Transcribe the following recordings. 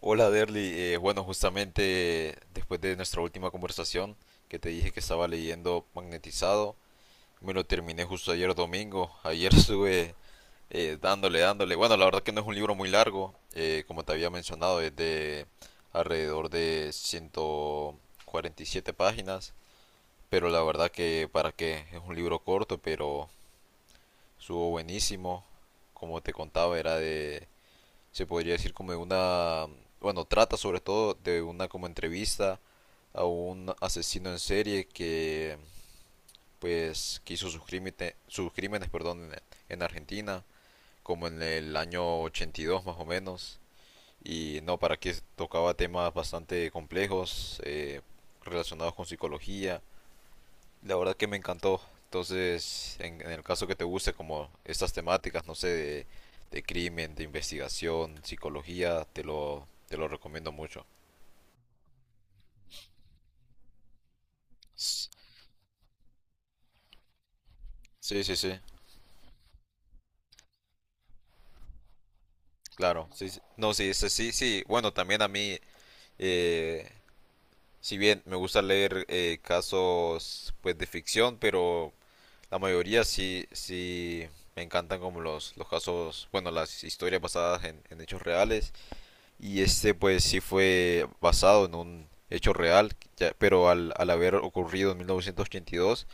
Hola Derly, bueno, justamente después de nuestra última conversación que te dije que estaba leyendo Magnetizado, me lo terminé justo ayer domingo, ayer estuve dándole, bueno, la verdad que no es un libro muy largo, como te había mencionado, es de alrededor de 147 páginas, pero la verdad que para qué, es un libro corto, pero estuvo buenísimo. Como te contaba, era de, se podría decir como de una, bueno, trata sobre todo de una como entrevista a un asesino en serie que pues que hizo sus crímenes, perdón, en Argentina, como en el año 82 más o menos. Y no, para que tocaba temas bastante complejos, relacionados con psicología. La verdad que me encantó. Entonces, en el caso que te guste como estas temáticas, no sé, de crimen, de investigación, psicología, te lo recomiendo mucho. S- Sí, sí, sí, claro. Sí, sí. No, sí, sí, sí, sí. Bueno, también a mí, eh, si bien me gusta leer, casos pues de ficción, pero la mayoría sí, sí me encantan como los casos, bueno, las historias basadas en hechos reales. Y este pues sí fue basado en un hecho real, pero al haber ocurrido en 1982,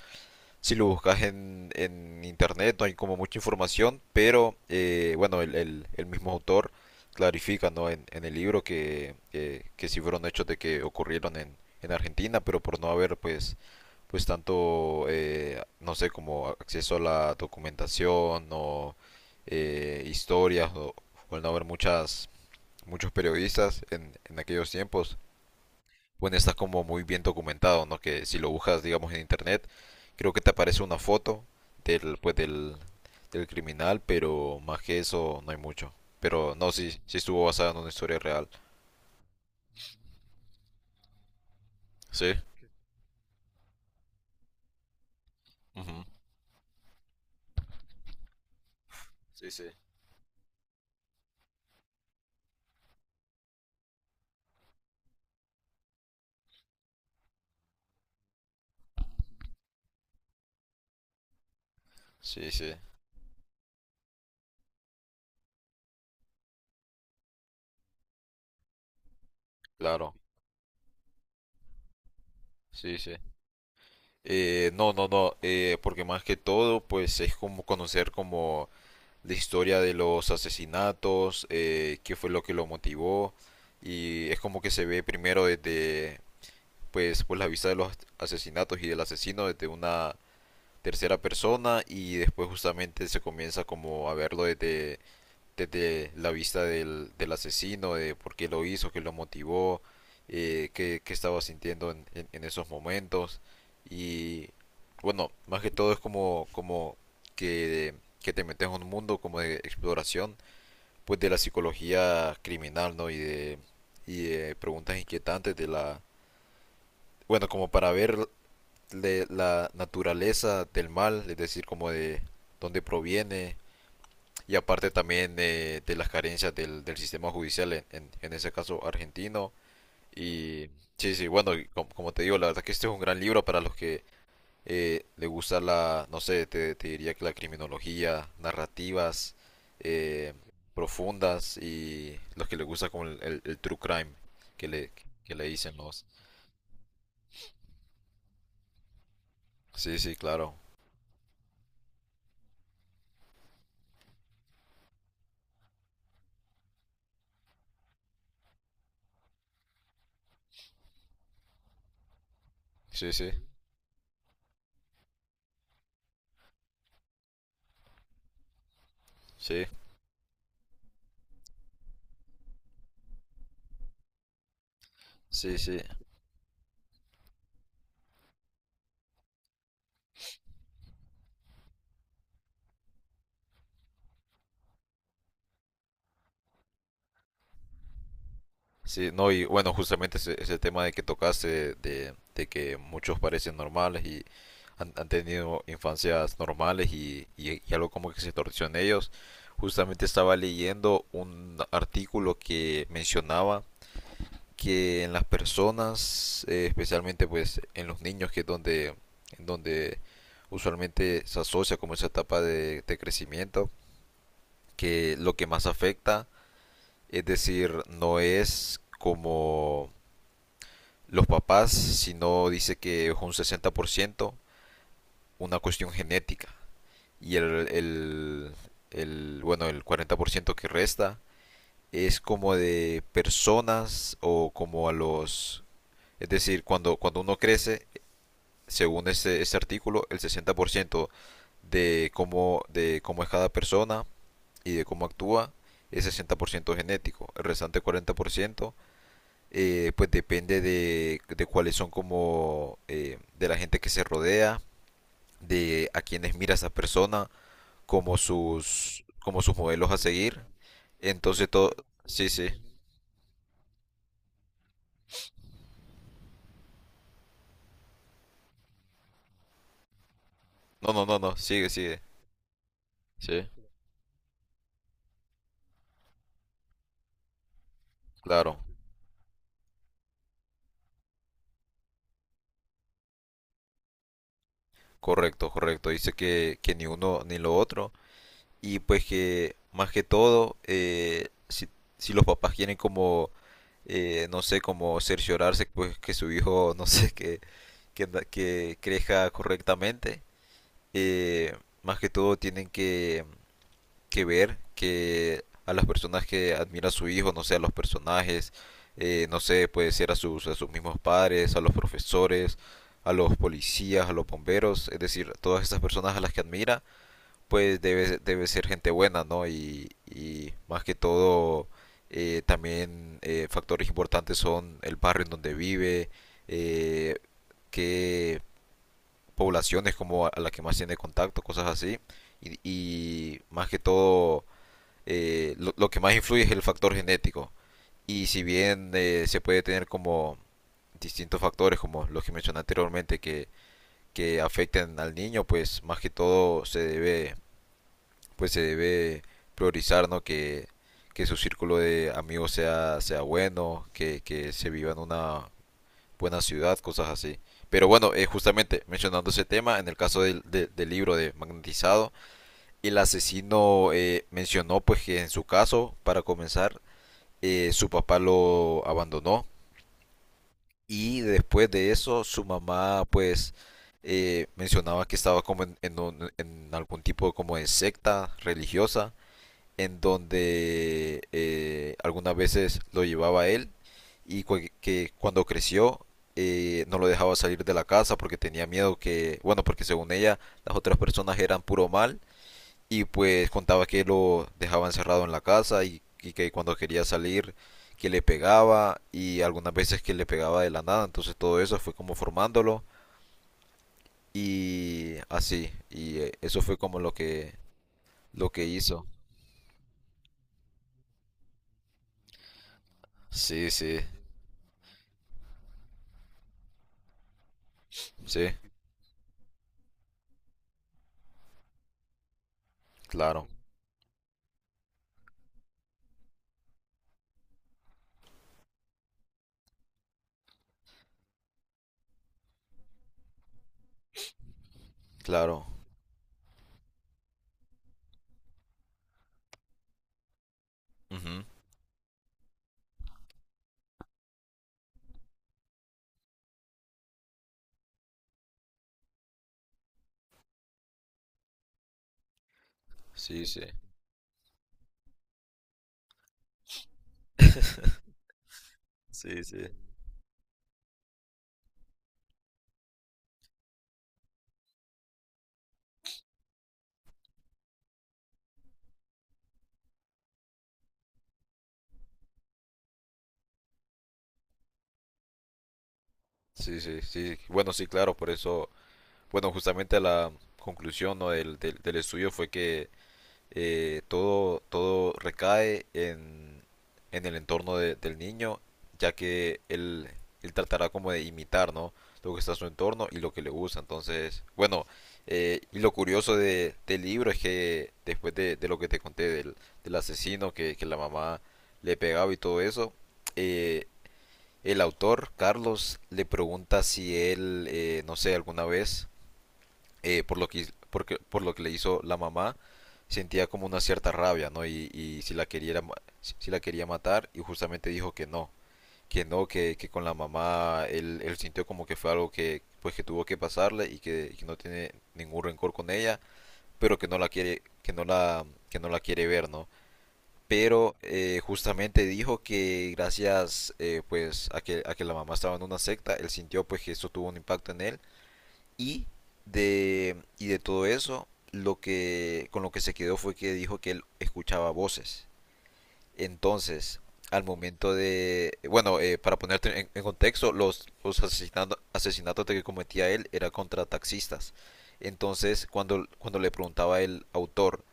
si lo buscas en internet no hay como mucha información, pero bueno, el mismo autor clarifica, ¿no?, en el libro que sí fueron hechos de que ocurrieron en Argentina, pero por no haber pues tanto, no sé, como acceso a la documentación o, historias o el no haber muchas muchos periodistas en aquellos tiempos, bueno, está como muy bien documentado, ¿no? Que si lo buscas, digamos, en internet, creo que te aparece una foto del, pues, del criminal, pero más que eso no hay mucho. Pero no, sí, sí estuvo basada en una historia real. Sí. Ujú. Sí, sí. Sí, sí, claro. Sí, sí. No, no, no, porque más que todo, pues es como conocer como la historia de los asesinatos, qué fue lo que lo motivó, y es como que se ve primero desde, pues la vista de los asesinatos y del asesino desde una tercera persona, y después justamente se comienza como a verlo desde la vista del asesino, de por qué lo hizo, qué lo motivó, qué estaba sintiendo en esos momentos. Y bueno, más que todo es como que, que te metes en un mundo como de exploración, pues de la psicología criminal, ¿no? Y de preguntas inquietantes de la... Bueno, como para ver de la naturaleza del mal, es decir, como de dónde proviene, y aparte también, de las carencias del sistema judicial en ese caso argentino. Y sí, sí, bueno, y como, te digo, la verdad que este es un gran libro para los que, le gusta la, no sé, te diría que la criminología, narrativas, eh, profundas y los que les gusta como el, el true crime que le, que le dicen los. Sí, sí, claro. Sí, sí, sí, sí, sí. Sí, no, y bueno, justamente ese tema de que tocaste, de que muchos parecen normales y han tenido infancias normales y algo como que se torció en ellos. Justamente estaba leyendo un artículo que mencionaba que en las personas, especialmente pues en los niños, que es donde, en donde usualmente se asocia como esa etapa de crecimiento, que lo que más afecta, es decir, no es como los papás, sino dice que es un 60%, una cuestión genética. Y el 40% que resta es como de personas o como a los... Es decir, cuando uno crece, según ese artículo, el 60% de cómo es cada persona y de cómo actúa es 60% genético. El restante 40%, pues depende de cuáles son como, de la gente que se rodea, de a quienes mira esa persona, como sus modelos a seguir. Entonces todo, sí, sí. No, no, no, no, sigue, sigue. Sí, claro. Correcto, correcto. Dice que ni uno ni lo otro. Y pues que más que todo, si los papás quieren como, no sé, como cerciorarse, pues que su hijo, no sé, que crezca correctamente, eh, más que todo tienen que ver que a las personas que admira a su hijo, no sé, a los personajes, no sé, puede ser a sus mismos padres, a los profesores, a los policías, a los bomberos, es decir, todas esas personas a las que admira, pues debe ser gente buena, ¿no? Y más que todo, también, factores importantes son el barrio en donde vive, eh, qué, poblaciones como a la que más tiene contacto, cosas así. Y más que todo, lo que más influye es el factor genético. Y si bien, se puede tener como distintos factores, como los que mencioné anteriormente, que afecten al niño, pues más que todo se debe priorizar, ¿no? Que su círculo de amigos sea bueno, que se viva en una buena ciudad, cosas así. Pero bueno, justamente mencionando ese tema, en el caso del libro de Magnetizado, el asesino, mencionó pues que en su caso, para comenzar, su papá lo abandonó, y después de eso su mamá pues, mencionaba que estaba como en algún tipo como de secta religiosa en donde, algunas veces lo llevaba él, y que cuando creció, no lo dejaba salir de la casa porque tenía miedo que, bueno, porque según ella las otras personas eran puro mal, y pues contaba que lo dejaba encerrado en la casa y que cuando quería salir que le pegaba y algunas veces que le pegaba de la nada. Entonces todo eso fue como formándolo y así, y, eso fue como lo que hizo. Sí, sí, sí, claro. Claro. Ujú. Sí, sí. Sí, sí. Sí, sí, sí. Bueno, sí, claro, por eso, bueno, justamente la conclusión, ¿no?, del estudio fue que, todo recae en el entorno del niño, ya que él tratará como de imitar, ¿no? Lo que está a su entorno y lo que le gusta. Entonces, bueno, y lo curioso del libro es que después de lo que te conté del asesino que la mamá le pegaba y todo eso, eh, el autor, Carlos, le pregunta si él, no sé, alguna vez, por lo que le hizo la mamá, sentía como una cierta rabia, ¿no? Y si la quería, si la quería matar. Y justamente dijo que no, que no, que con la mamá él sintió como que fue algo que, pues, que tuvo que pasarle y que no tiene ningún rencor con ella, pero que no la quiere, que no la quiere ver, ¿no? Pero, justamente dijo que gracias, pues a que la mamá estaba en una secta, él sintió pues que eso tuvo un impacto en él, y de todo eso, con lo que se quedó fue que dijo que él escuchaba voces. Entonces, al momento de, bueno, para ponerte en contexto, los asesinatos que cometía él era contra taxistas. Entonces, cuando le preguntaba el autor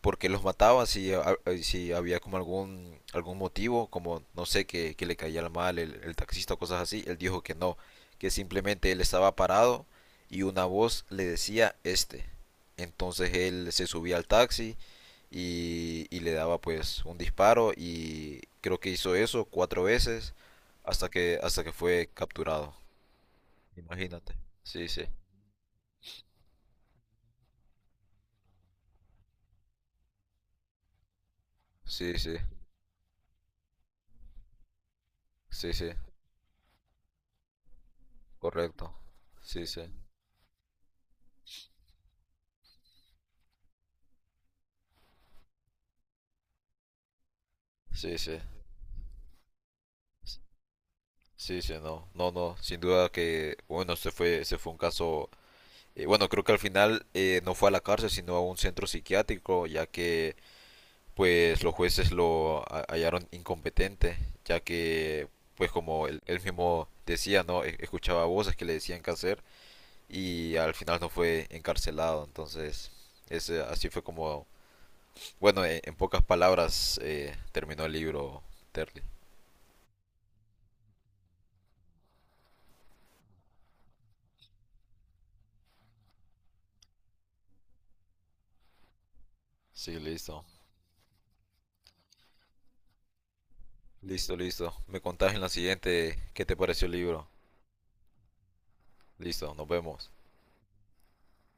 porque los mataba si había como algún motivo, como no sé, que le caía mal el taxista o cosas así. Él dijo que no, que simplemente él estaba parado y una voz le decía este. Entonces él se subía al taxi y le daba pues un disparo y creo que hizo eso cuatro veces hasta que fue capturado. Imagínate. Sí, sí, sí, sí, sí, sí, correcto. Sí, sí, sí, sí. Sí, sí, no, no, no, sin duda que, bueno, se fue un caso, bueno, creo que al final, no fue a la cárcel, sino a un centro psiquiátrico, ya que, pues, los jueces lo hallaron incompetente, ya que, pues, como él mismo decía, ¿no? Escuchaba voces que le decían qué hacer y al final no fue encarcelado. Entonces, ese, así fue como, bueno, en pocas palabras, terminó el libro, Terry. Sí, listo. Listo, listo. Me contás en la siguiente qué te pareció el libro. Listo, nos vemos.